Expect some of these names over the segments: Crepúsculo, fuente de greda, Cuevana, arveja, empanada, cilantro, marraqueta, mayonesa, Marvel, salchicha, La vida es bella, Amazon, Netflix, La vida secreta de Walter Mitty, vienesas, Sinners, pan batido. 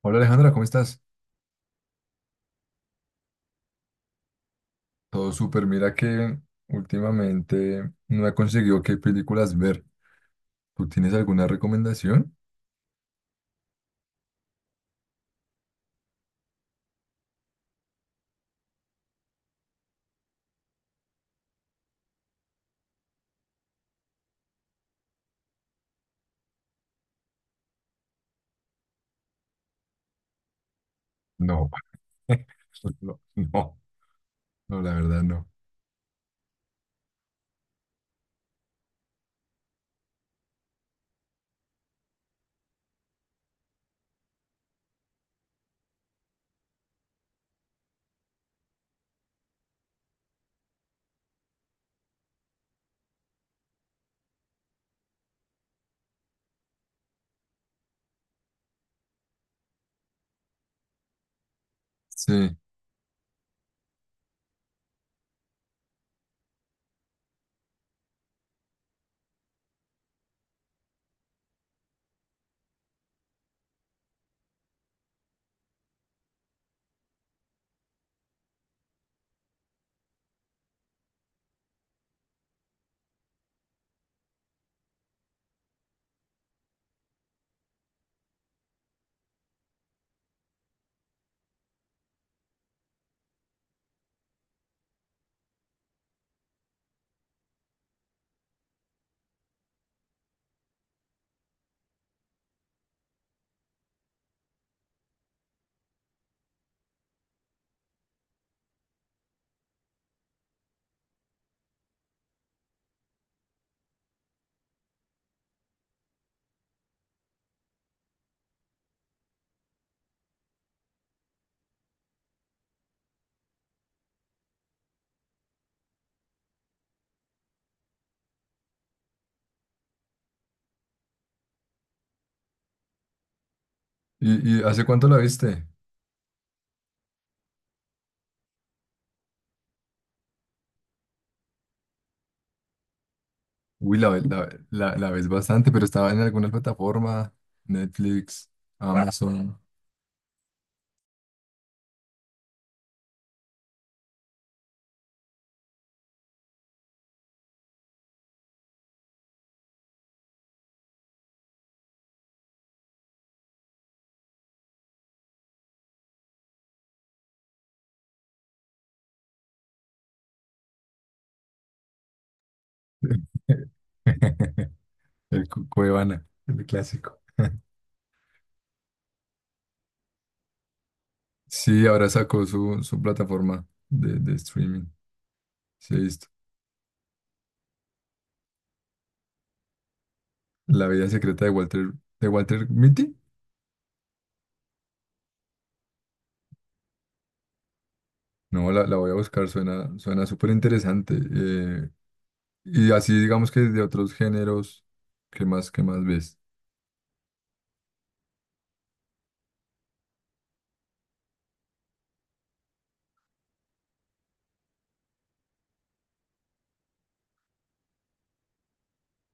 Hola Alejandra, ¿cómo estás? Todo súper. Mira que últimamente no he conseguido qué películas ver. ¿Tú tienes alguna recomendación? No, no, no, no, la verdad no. Sí. ¿Y hace cuánto la viste? Uy, la, la, la ves bastante, pero estaba en alguna plataforma, Netflix, Amazon, el Cuevana, el clásico. Sí, ahora sacó su plataforma de streaming. Sí, La vida secreta de Walter Mitty. No, la voy a buscar, suena, suena súper interesante. Y así digamos que de otros géneros, qué más ves?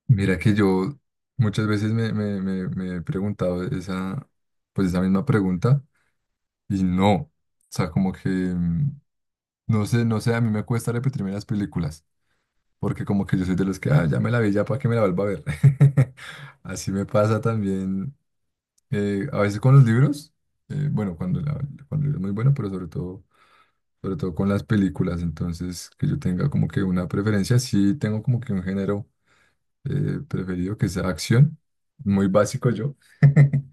Mira que yo muchas veces me he preguntado esa, pues esa misma pregunta y no, o sea, como que, no sé, no sé, a mí me cuesta repetirme las películas, porque como que yo soy de los que, ah, ya me la vi, ya para que me la vuelva a ver. Así me pasa también. A veces con los libros, bueno, cuando, la, cuando es muy bueno, pero sobre todo con las películas, entonces que yo tenga como que una preferencia, sí tengo como que un género preferido que sea acción, muy básico yo,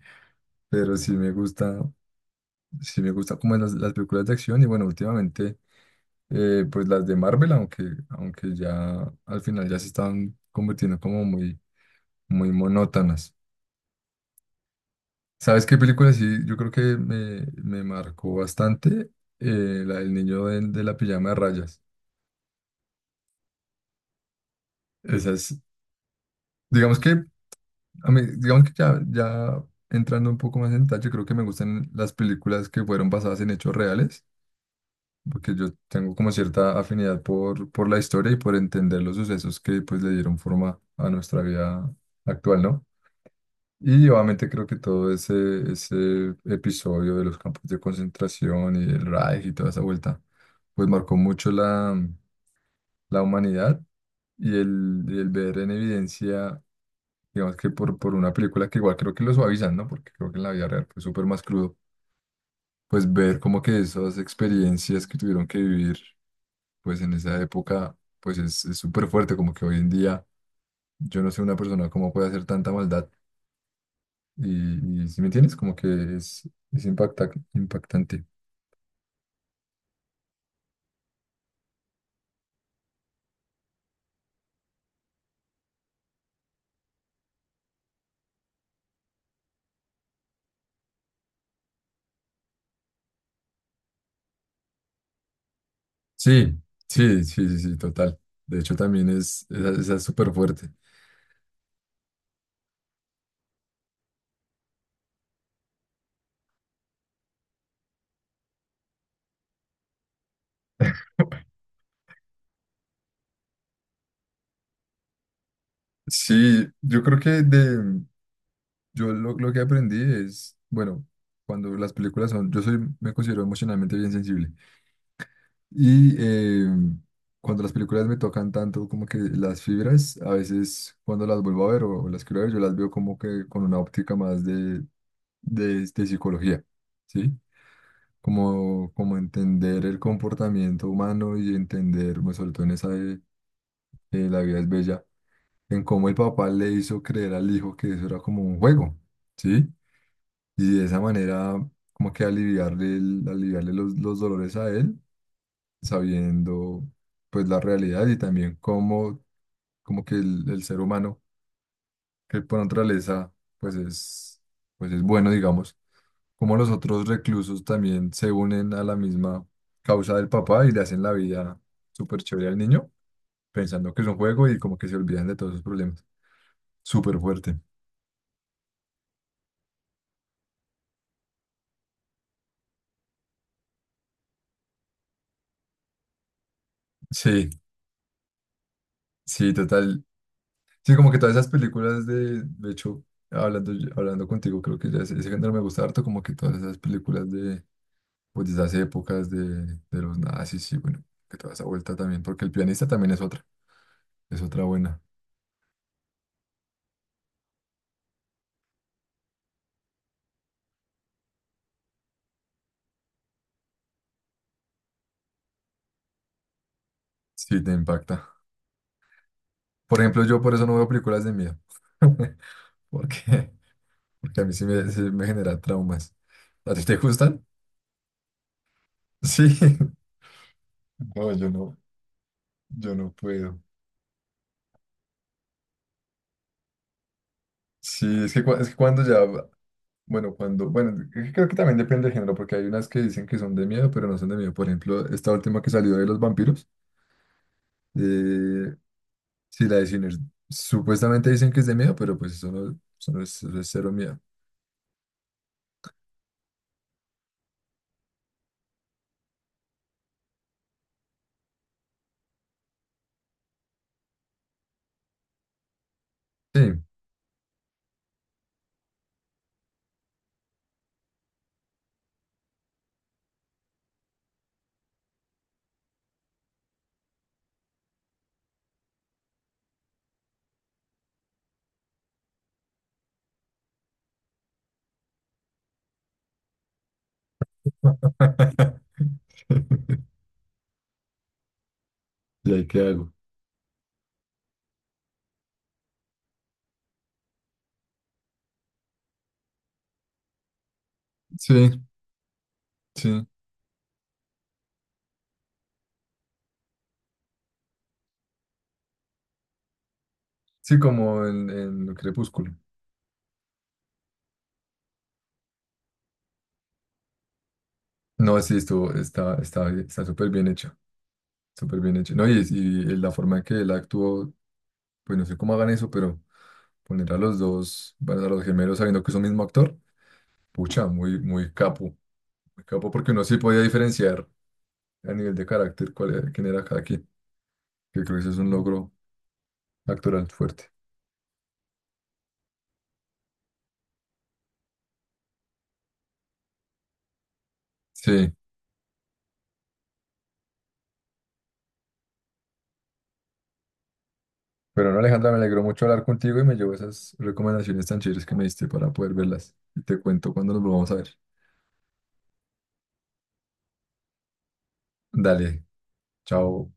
pero sí me gusta como las películas de acción y bueno, últimamente pues las de Marvel, aunque, aunque ya al final ya se están convirtiendo como muy, muy monótonas. ¿Sabes qué película sí? Yo creo que me marcó bastante la del niño de la pijama de rayas. Esa es, digamos que, a mí, digamos que ya, ya entrando un poco más en detalle, yo creo que me gustan las películas que fueron basadas en hechos reales, porque yo tengo como cierta afinidad por la historia y por entender los sucesos que pues le dieron forma a nuestra vida actual, ¿no? Y obviamente creo que todo ese, ese episodio de los campos de concentración y el Reich y toda esa vuelta, pues marcó mucho la, la humanidad y el ver en evidencia, digamos que por una película que igual creo que lo suavizan, ¿no? Porque creo que en la vida real fue súper más crudo, pues ver como que esas experiencias que tuvieron que vivir, pues en esa época, pues es súper fuerte, como que hoy en día yo no sé una persona cómo puede hacer tanta maldad. Y si me entiendes, como que es impacta, impactante. Sí, sí, sí, sí, sí, total. De hecho, también es, esa es súper fuerte. Sí, yo creo que de, yo lo que aprendí es, bueno, cuando las películas son, yo soy, me considero emocionalmente bien sensible. Y cuando las películas me tocan tanto como que las fibras, a veces cuando las vuelvo a ver o las quiero ver, yo las veo como que con una óptica más de, de psicología, ¿sí? Como, como entender el comportamiento humano y entender, me sobre todo en esa de La vida es bella, en cómo el papá le hizo creer al hijo que eso era como un juego, ¿sí? Y de esa manera, como que aliviarle, aliviarle los dolores a él, sabiendo pues la realidad y también cómo, como que el ser humano, que por naturaleza, pues es, pues es bueno, digamos cómo los otros reclusos también se unen a la misma causa del papá y le hacen la vida súper chévere al niño, pensando que es un juego y como que se olvidan de todos sus problemas. Súper fuerte. Sí, sí, total. Sí, como que todas esas películas de hecho, hablando, hablando contigo, creo que ya ese género me gusta harto, como que todas esas películas de, pues, de esas épocas de los nazis, sí, bueno, que toda esa vuelta también, porque el pianista también es otra buena. Sí, te impacta. Por ejemplo, yo por eso no veo películas de miedo. Porque, porque a mí sí me genera traumas. ¿A ti te gustan? Sí. No, yo no, yo no puedo. Sí, es que, es que cuando ya, bueno, cuando, bueno, es que creo que también depende del género, porque hay unas que dicen que son de miedo, pero no son de miedo. Por ejemplo, esta última que salió de los vampiros, eh, sí, la de Sinners, supuestamente dicen que es de miedo, pero pues eso no es, eso es cero miedo. Sí. ¿Y ahí qué hago? Sí, sí. Sí, como en Crepúsculo. No, sí, estuvo, está, está, está súper bien hecha, súper bien hecha. No, y la forma en que él actuó, pues no sé cómo hagan eso, pero poner a los dos, bueno, a los gemelos sabiendo que es un mismo actor, pucha, muy, muy capo, porque uno sí podía diferenciar a nivel de carácter cuál quién era cada quien, que creo que eso es un logro actoral fuerte. Sí, pero no, Alejandra, me alegró mucho hablar contigo y me llevo esas recomendaciones tan chéveres que me diste para poder verlas. Y te cuento cuando nos volvamos a ver. Dale, chao.